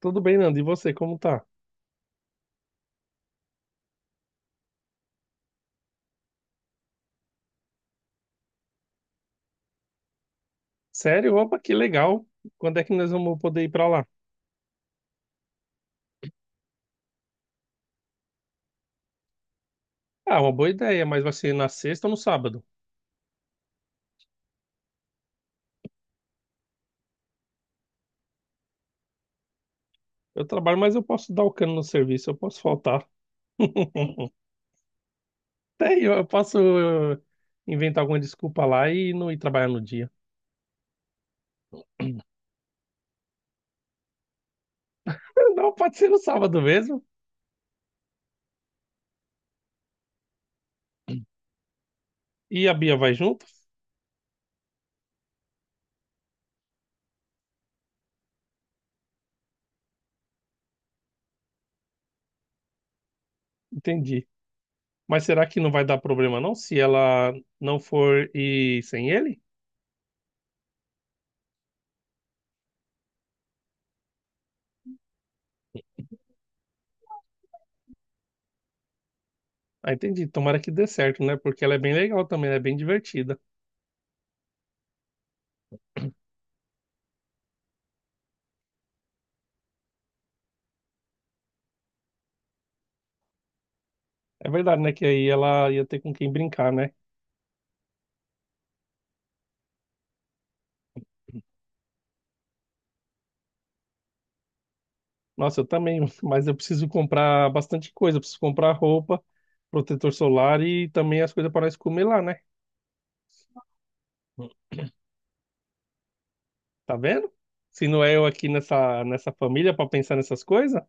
Tudo bem, Nando? E você, como tá? Sério? Opa, que legal. Quando é que nós vamos poder ir pra lá? Ah, uma boa ideia, mas vai ser na sexta ou no sábado? Eu trabalho, mas eu posso dar o cano no serviço, eu posso faltar. Até eu posso eh, inventar alguma desculpa lá e não ir trabalhar no dia. Não, pode ser no sábado mesmo. E a Bia vai junto? Entendi. Mas será que não vai dar problema não se ela não for ir sem ele? Ah, entendi. Tomara que dê certo, né? Porque ela é bem legal também, ela é bem divertida. É verdade, né? Que aí ela ia ter com quem brincar, né? Nossa, eu também, mas eu preciso comprar bastante coisa. Eu preciso comprar roupa, protetor solar e também as coisas para nós comer lá, né? Tá vendo? Se não é eu aqui nessa família para pensar nessas coisas,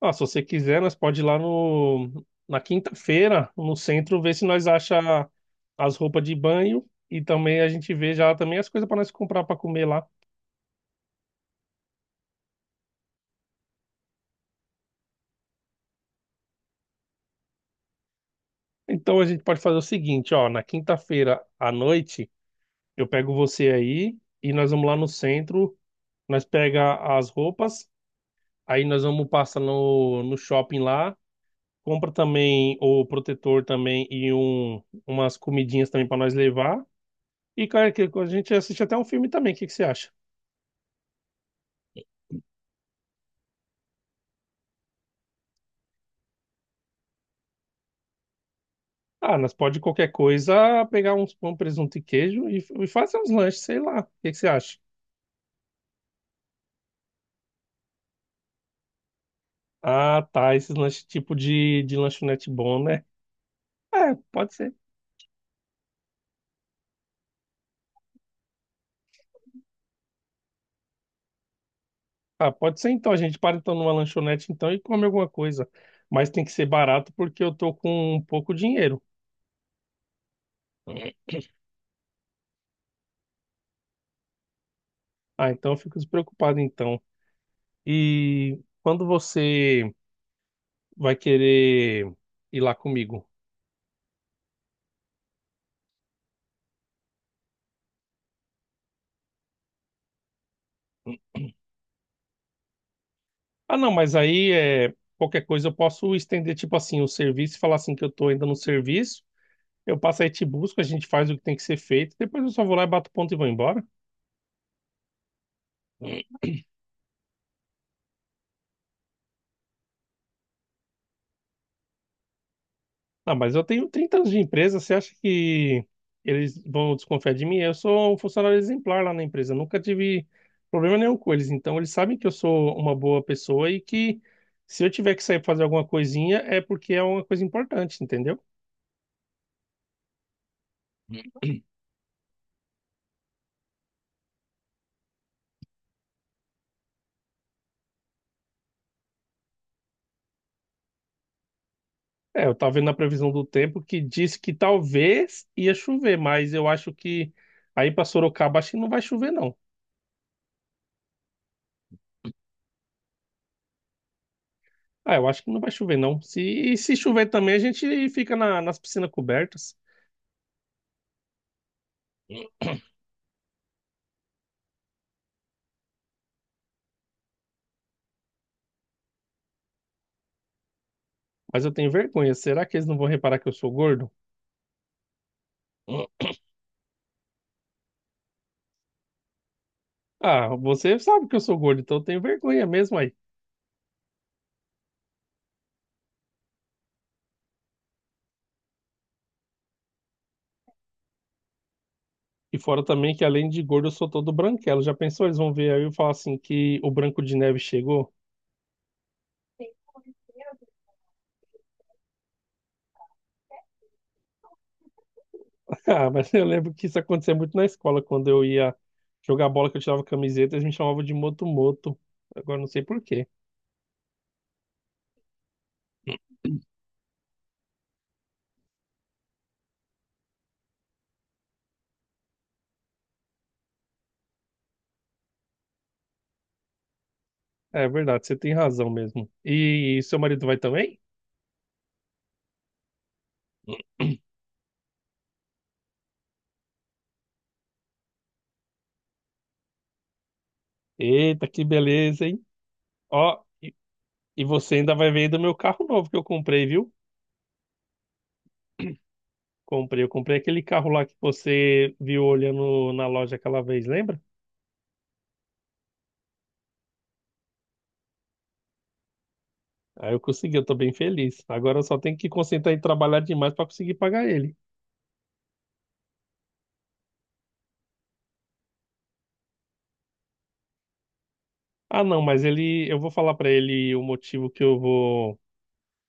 ó, se você quiser, nós pode ir lá na quinta-feira, no centro, ver se nós acha as roupas de banho e também a gente vê já também as coisas para nós comprar para comer lá. Então a gente pode fazer o seguinte, ó, na quinta-feira à noite. Eu pego você aí e nós vamos lá no centro. Nós pega as roupas, aí nós vamos passar no shopping lá. Compra também o protetor também e umas comidinhas também para nós levar. E cara, que a gente assiste até um filme também. O que que você acha? Ah, nós pode qualquer coisa pegar uns pão, presunto e queijo e fazer uns lanches, sei lá. O que que você acha? Ah, tá. Esses lanches tipo de lanchonete bom, né? É, pode ser. Ah, pode ser então. A gente para então numa lanchonete então e come alguma coisa. Mas tem que ser barato porque eu tô com um pouco dinheiro. Ah, então eu fico despreocupado então. E quando você vai querer ir lá comigo? Ah, não, mas aí é qualquer coisa eu posso estender tipo assim o serviço e falar assim que eu tô ainda no serviço. Eu passo aí te busco, a gente faz o que tem que ser feito. Depois eu só vou lá e bato ponto e vou embora. Ah, mas eu tenho 30 anos de empresa, você acha que eles vão desconfiar de mim? Eu sou um funcionário exemplar lá na empresa, nunca tive problema nenhum com eles. Então, eles sabem que eu sou uma boa pessoa e que se eu tiver que sair fazer alguma coisinha é porque é uma coisa importante, entendeu? É, eu tava vendo na previsão do tempo que disse que talvez ia chover, mas eu acho que aí para Sorocaba acho que não vai chover, não. Ah, eu acho que não vai chover, não. Se, e se chover também, a gente fica na- nas piscinas cobertas. Mas eu tenho vergonha. Será que eles não vão reparar que eu sou gordo? Ah, você sabe que eu sou gordo, então eu tenho vergonha mesmo aí. E fora também que além de gordo eu sou todo branquelo. Já pensou? Eles vão ver aí eu falar assim que o Branco de Neve chegou? Ah, mas eu lembro que isso acontecia muito na escola, quando eu ia jogar bola que eu tirava camiseta, eles me chamavam de Moto Moto. Agora não sei por quê. É verdade, você tem razão mesmo. E seu marido vai também? Eita, que beleza, hein? Ó, e você ainda vai ver do meu carro novo que eu comprei, viu? Comprei, eu comprei aquele carro lá que você viu olhando na loja aquela vez, lembra? Aí eu consegui, eu tô bem feliz. Agora eu só tenho que concentrar em trabalhar demais para conseguir pagar ele. Ah, não, mas ele, eu vou falar para ele o motivo que eu vou,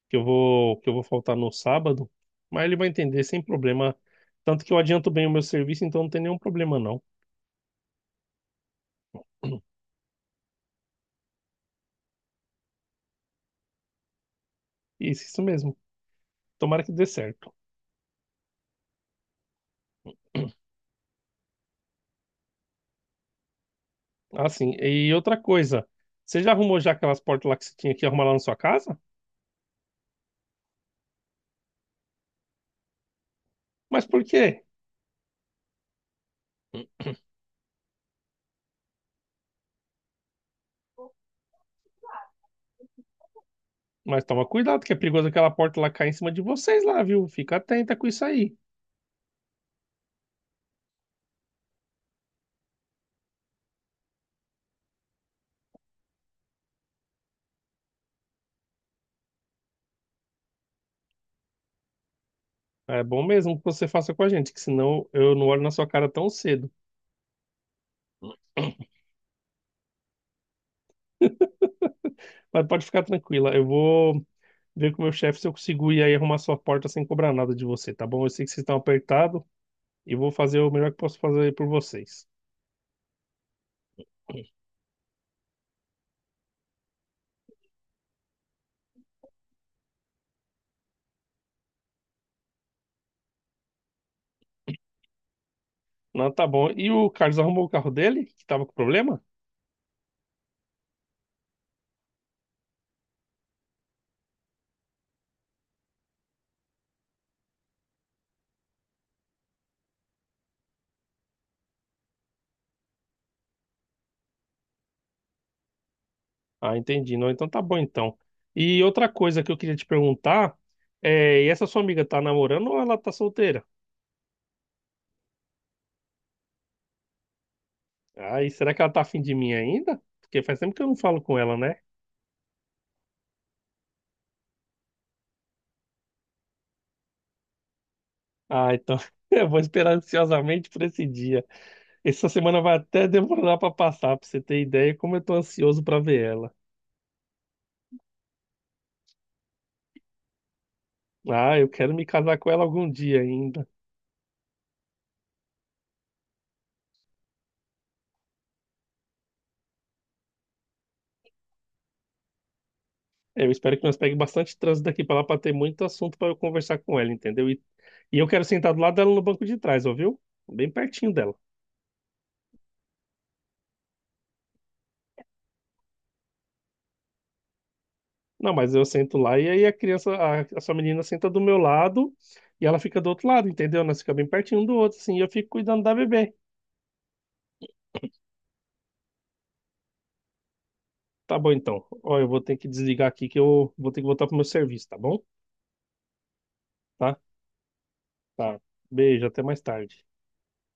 que eu vou, que eu vou faltar no sábado, mas ele vai entender sem problema. Tanto que eu adianto bem o meu serviço, então não tem nenhum problema não. Isso mesmo. Tomara que dê certo. Assim, e outra coisa, você já arrumou já aquelas portas lá que você tinha que arrumar lá na sua casa? Mas por quê? Mas toma cuidado, que é perigoso aquela porta lá cair em cima de vocês lá, viu? Fica atenta com isso aí. É bom mesmo que você faça com a gente, que senão eu não olho na sua cara tão cedo. Mas pode ficar tranquila, eu vou ver com o meu chefe se eu consigo ir aí arrumar sua porta sem cobrar nada de você, tá bom? Eu sei que vocês estão apertados e vou fazer o melhor que posso fazer aí por vocês. Não, tá bom. E o Carlos arrumou o carro dele, que tava com problema? Ah, entendi. Não, então tá bom então. E outra coisa que eu queria te perguntar é, e essa sua amiga tá namorando ou ela tá solteira? Ai, será que ela tá afim de mim ainda? Porque faz tempo que eu não falo com ela, né? Ah, então eu vou esperar ansiosamente por esse dia. Essa semana vai até demorar pra passar, pra você ter ideia como eu tô ansioso pra ver ela. Ah, eu quero me casar com ela algum dia ainda. Eu espero que nós pegue bastante trânsito daqui pra lá pra ter muito assunto pra eu conversar com ela, entendeu? E eu quero sentar do lado dela no banco de trás, ouviu? Bem pertinho dela. Não, mas eu sento lá e aí a sua menina senta do meu lado e ela fica do outro lado, entendeu? Nós ficamos bem pertinho um do outro, assim, e eu fico cuidando da bebê. Tá bom, então. Ó, eu vou ter que desligar aqui que eu vou ter que voltar pro meu serviço, tá bom? Tá? Tá. Beijo, até mais tarde.